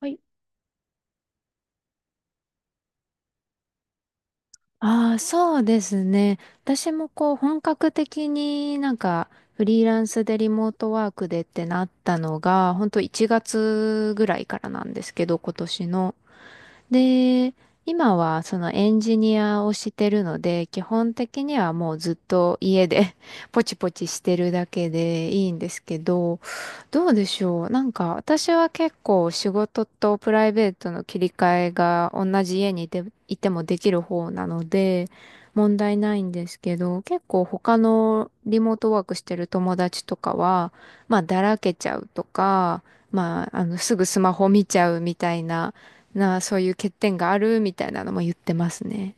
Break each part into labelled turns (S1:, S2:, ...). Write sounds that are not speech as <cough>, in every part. S1: はい。ああ、そうですね。私もこう本格的になんかフリーランスでリモートワークでってなったのが、本当1月ぐらいからなんですけど、今年の。で、今はそのエンジニアをしてるので、基本的にはもうずっと家で <laughs> ポチポチしてるだけでいいんですけど、どうでしょう。なんか私は結構仕事とプライベートの切り替えが同じ家にいて、いてもできる方なので問題ないんですけど、結構他のリモートワークしてる友達とかは、まあだらけちゃうとか、まあすぐスマホ見ちゃうみたいな、そういう欠点があるみたいなのも言ってますね。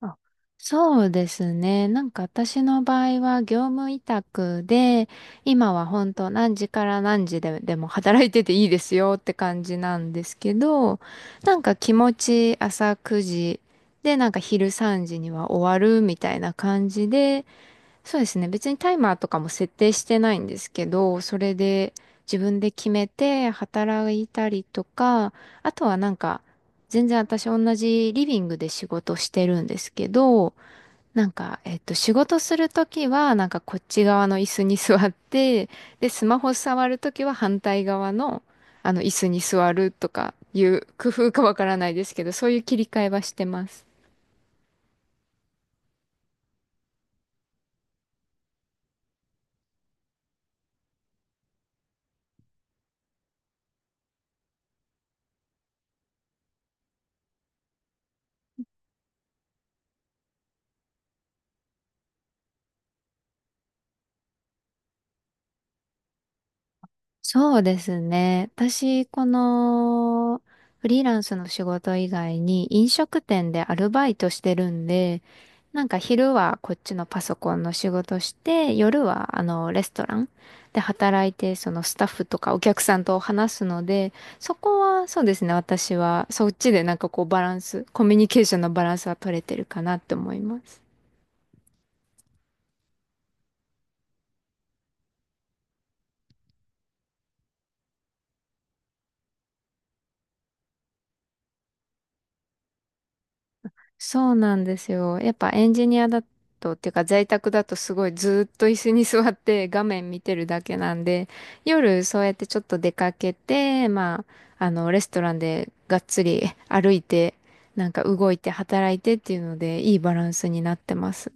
S1: あ、そうですね。なんか私の場合は業務委託で、今は本当何時から何時で、でも働いてていいですよって感じなんですけど、なんか気持ち朝9時でなんか昼3時には終わるみたいな感じで、そうですね。別にタイマーとかも設定してないんですけど、それで自分で決めて働いたりとか、あとはなんか、全然私同じリビングで仕事してるんですけど、なんか、仕事するときは、なんかこっち側の椅子に座って、で、スマホ触るときは反対側の、椅子に座るとかいう工夫かわからないですけど、そういう切り替えはしてます。そうですね。私、この、フリーランスの仕事以外に飲食店でアルバイトしてるんで、なんか昼はこっちのパソコンの仕事して、夜はあのレストランで働いて、そのスタッフとかお客さんと話すので、そこはそうですね、私はそっちでなんかこうバランス、コミュニケーションのバランスは取れてるかなって思います。そうなんですよ。やっぱエンジニアだと、っていうか在宅だとすごいずーっと椅子に <laughs> 座って画面見てるだけなんで、夜そうやってちょっと出かけて、まあ、レストランでがっつり歩いて、なんか動いて働いてっていうので、いいバランスになってます。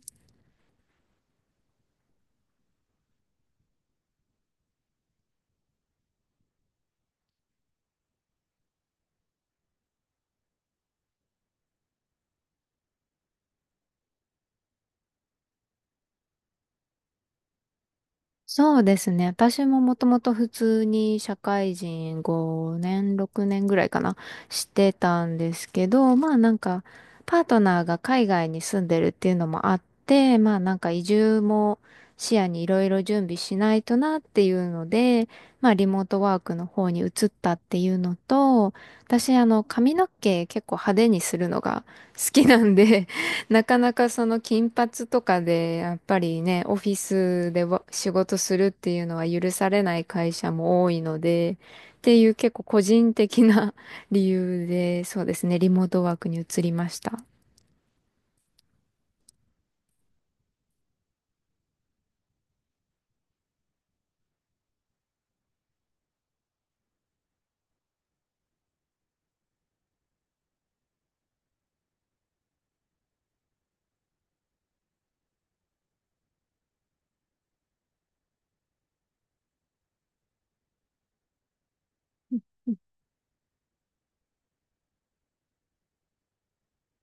S1: そうですね。私ももともと普通に社会人5年、6年ぐらいかな、してたんですけど、まあなんか、パートナーが海外に住んでるっていうのもあって、まあなんか移住も視野にいろいろ準備しないとなっていうので、まあリモートワークの方に移ったっていうのと、私髪の毛結構派手にするのが好きなんでなかなかその金髪とかで、やっぱりね、オフィスでわ仕事するっていうのは許されない会社も多いので、っていう結構個人的な <laughs> 理由で、そうですね、リモートワークに移りました。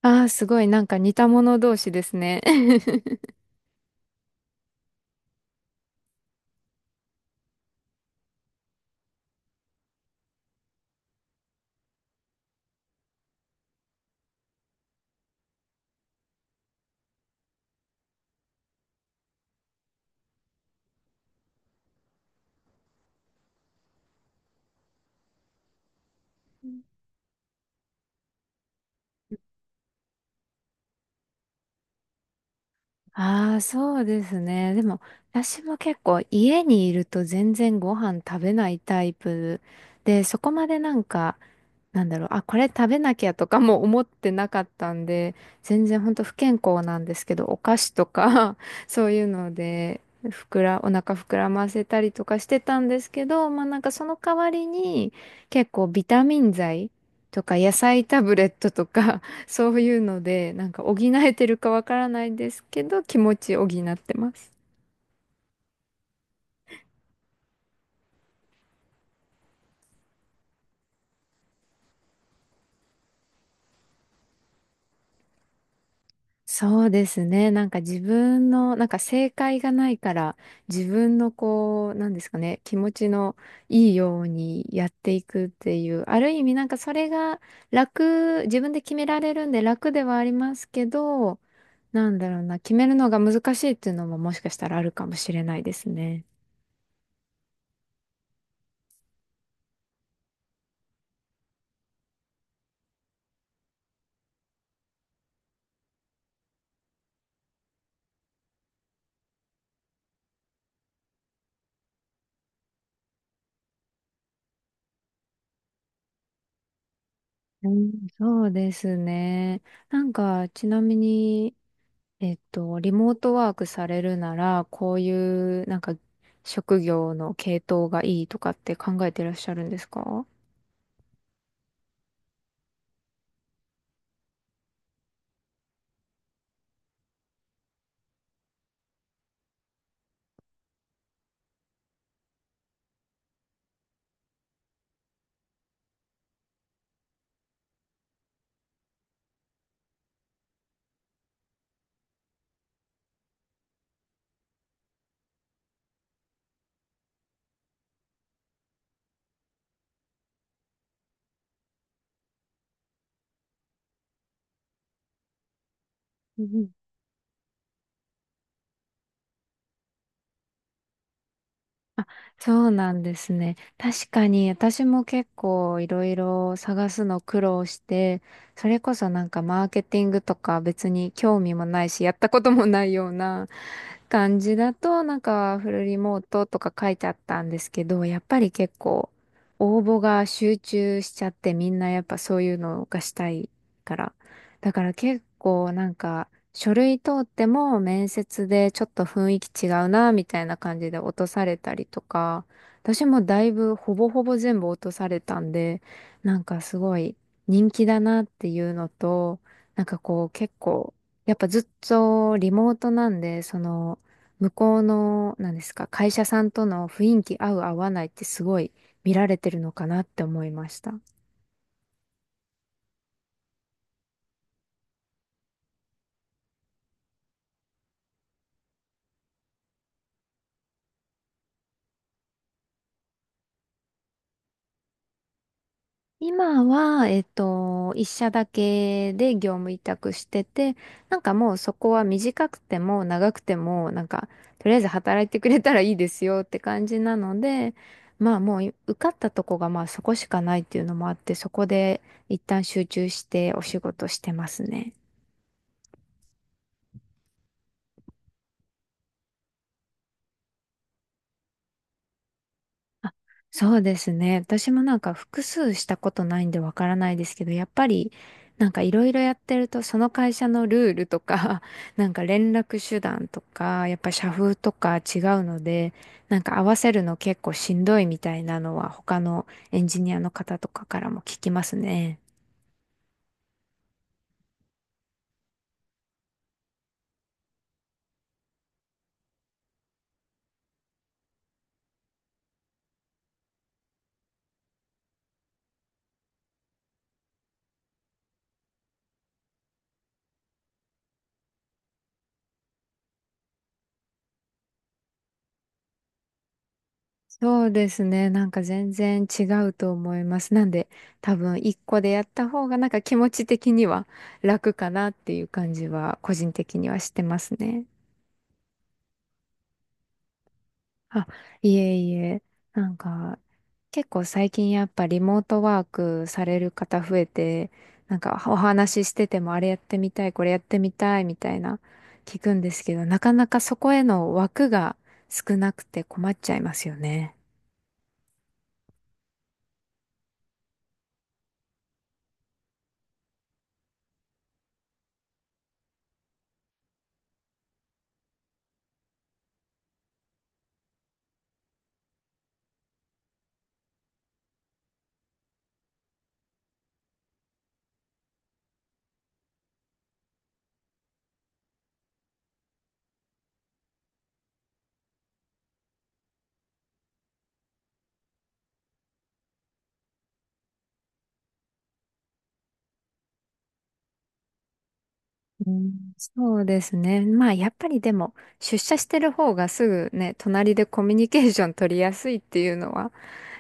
S1: ああ、すごい、なんか似た者同士ですね。<laughs> ああ、そうですね。でも、私も結構家にいると全然ご飯食べないタイプで、そこまでなんか、なんだろう、あ、これ食べなきゃとかも思ってなかったんで、全然ほんと不健康なんですけど、お菓子とか <laughs> そういうので、ふくら、お腹膨らませたりとかしてたんですけど、まあなんかその代わりに結構ビタミン剤とか野菜タブレットとかそういうので、なんか補えてるかわからないですけど、気持ち補ってます。そうですね。なんか自分の、なんか正解がないから、自分のこう、なんですかね、気持ちのいいようにやっていくっていう、ある意味なんかそれが楽、自分で決められるんで楽ではありますけど、なんだろうな、決めるのが難しいっていうのももしかしたらあるかもしれないですね。うん、そうですね。なんか、ちなみに、リモートワークされるなら、こういうなんか職業の系統がいいとかって考えてらっしゃるんですか？うん。あ、そうなんですね。確かに私も結構いろいろ探すの苦労して、それこそなんかマーケティングとか別に興味もないし、やったこともないような感じだと、なんかフルリモートとか書いてあったんですけど、やっぱり結構応募が集中しちゃってみんなやっぱそういうのがしたいから。だから結構なんか書類通っても面接でちょっと雰囲気違うな、みたいな感じで落とされたりとか、私もだいぶほぼほぼ全部落とされたんで、なんかすごい人気だなっていうのと、なんかこう結構、やっぱずっとリモートなんで、その、向こうの、なんですか、会社さんとの雰囲気合う合わないってすごい見られてるのかなって思いました。今は、一社だけで業務委託してて、なんかもうそこは短くても長くても、なんか、とりあえず働いてくれたらいいですよって感じなので、まあもう受かったとこがまあそこしかないっていうのもあって、そこで一旦集中してお仕事してますね。そうですね。私もなんか複数したことないんでわからないですけど、やっぱりなんかいろいろやってると、その会社のルールとか、<laughs> なんか連絡手段とか、やっぱ社風とか違うので、なんか合わせるの結構しんどいみたいなのは他のエンジニアの方とかからも聞きますね。そうですね。なんか全然違うと思います。なんで多分一個でやった方がなんか気持ち的には楽かなっていう感じは個人的にはしてますね。あ、いえいえ、なんか、結構最近やっぱリモートワークされる方増えて、なんかお話ししててもあれやってみたい、これやってみたいみたいな聞くんですけど、なかなかそこへの枠が少なくて困っちゃいますよね。うん、そうですね。まあやっぱりでも出社してる方がすぐね、隣でコミュニケーション取りやすいっていうのは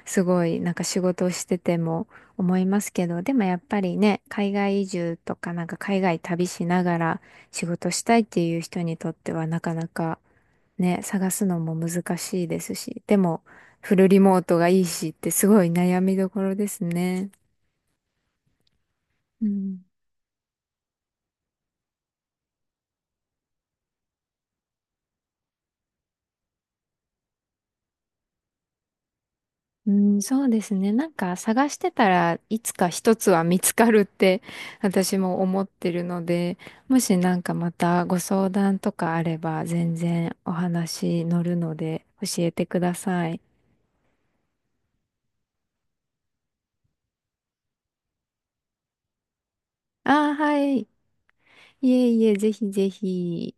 S1: すごいなんか仕事をしてても思いますけど、でもやっぱりね、海外移住とかなんか海外旅しながら仕事したいっていう人にとってはなかなかね、探すのも難しいですし、でもフルリモートがいいしってすごい悩みどころですね。うんうん、そうですね。なんか探してたらいつか一つは見つかるって <laughs> 私も思ってるので、もしなんかまたご相談とかあれば全然お話乗るので教えてください。ああ、はい。いえいえ、ぜひぜひ。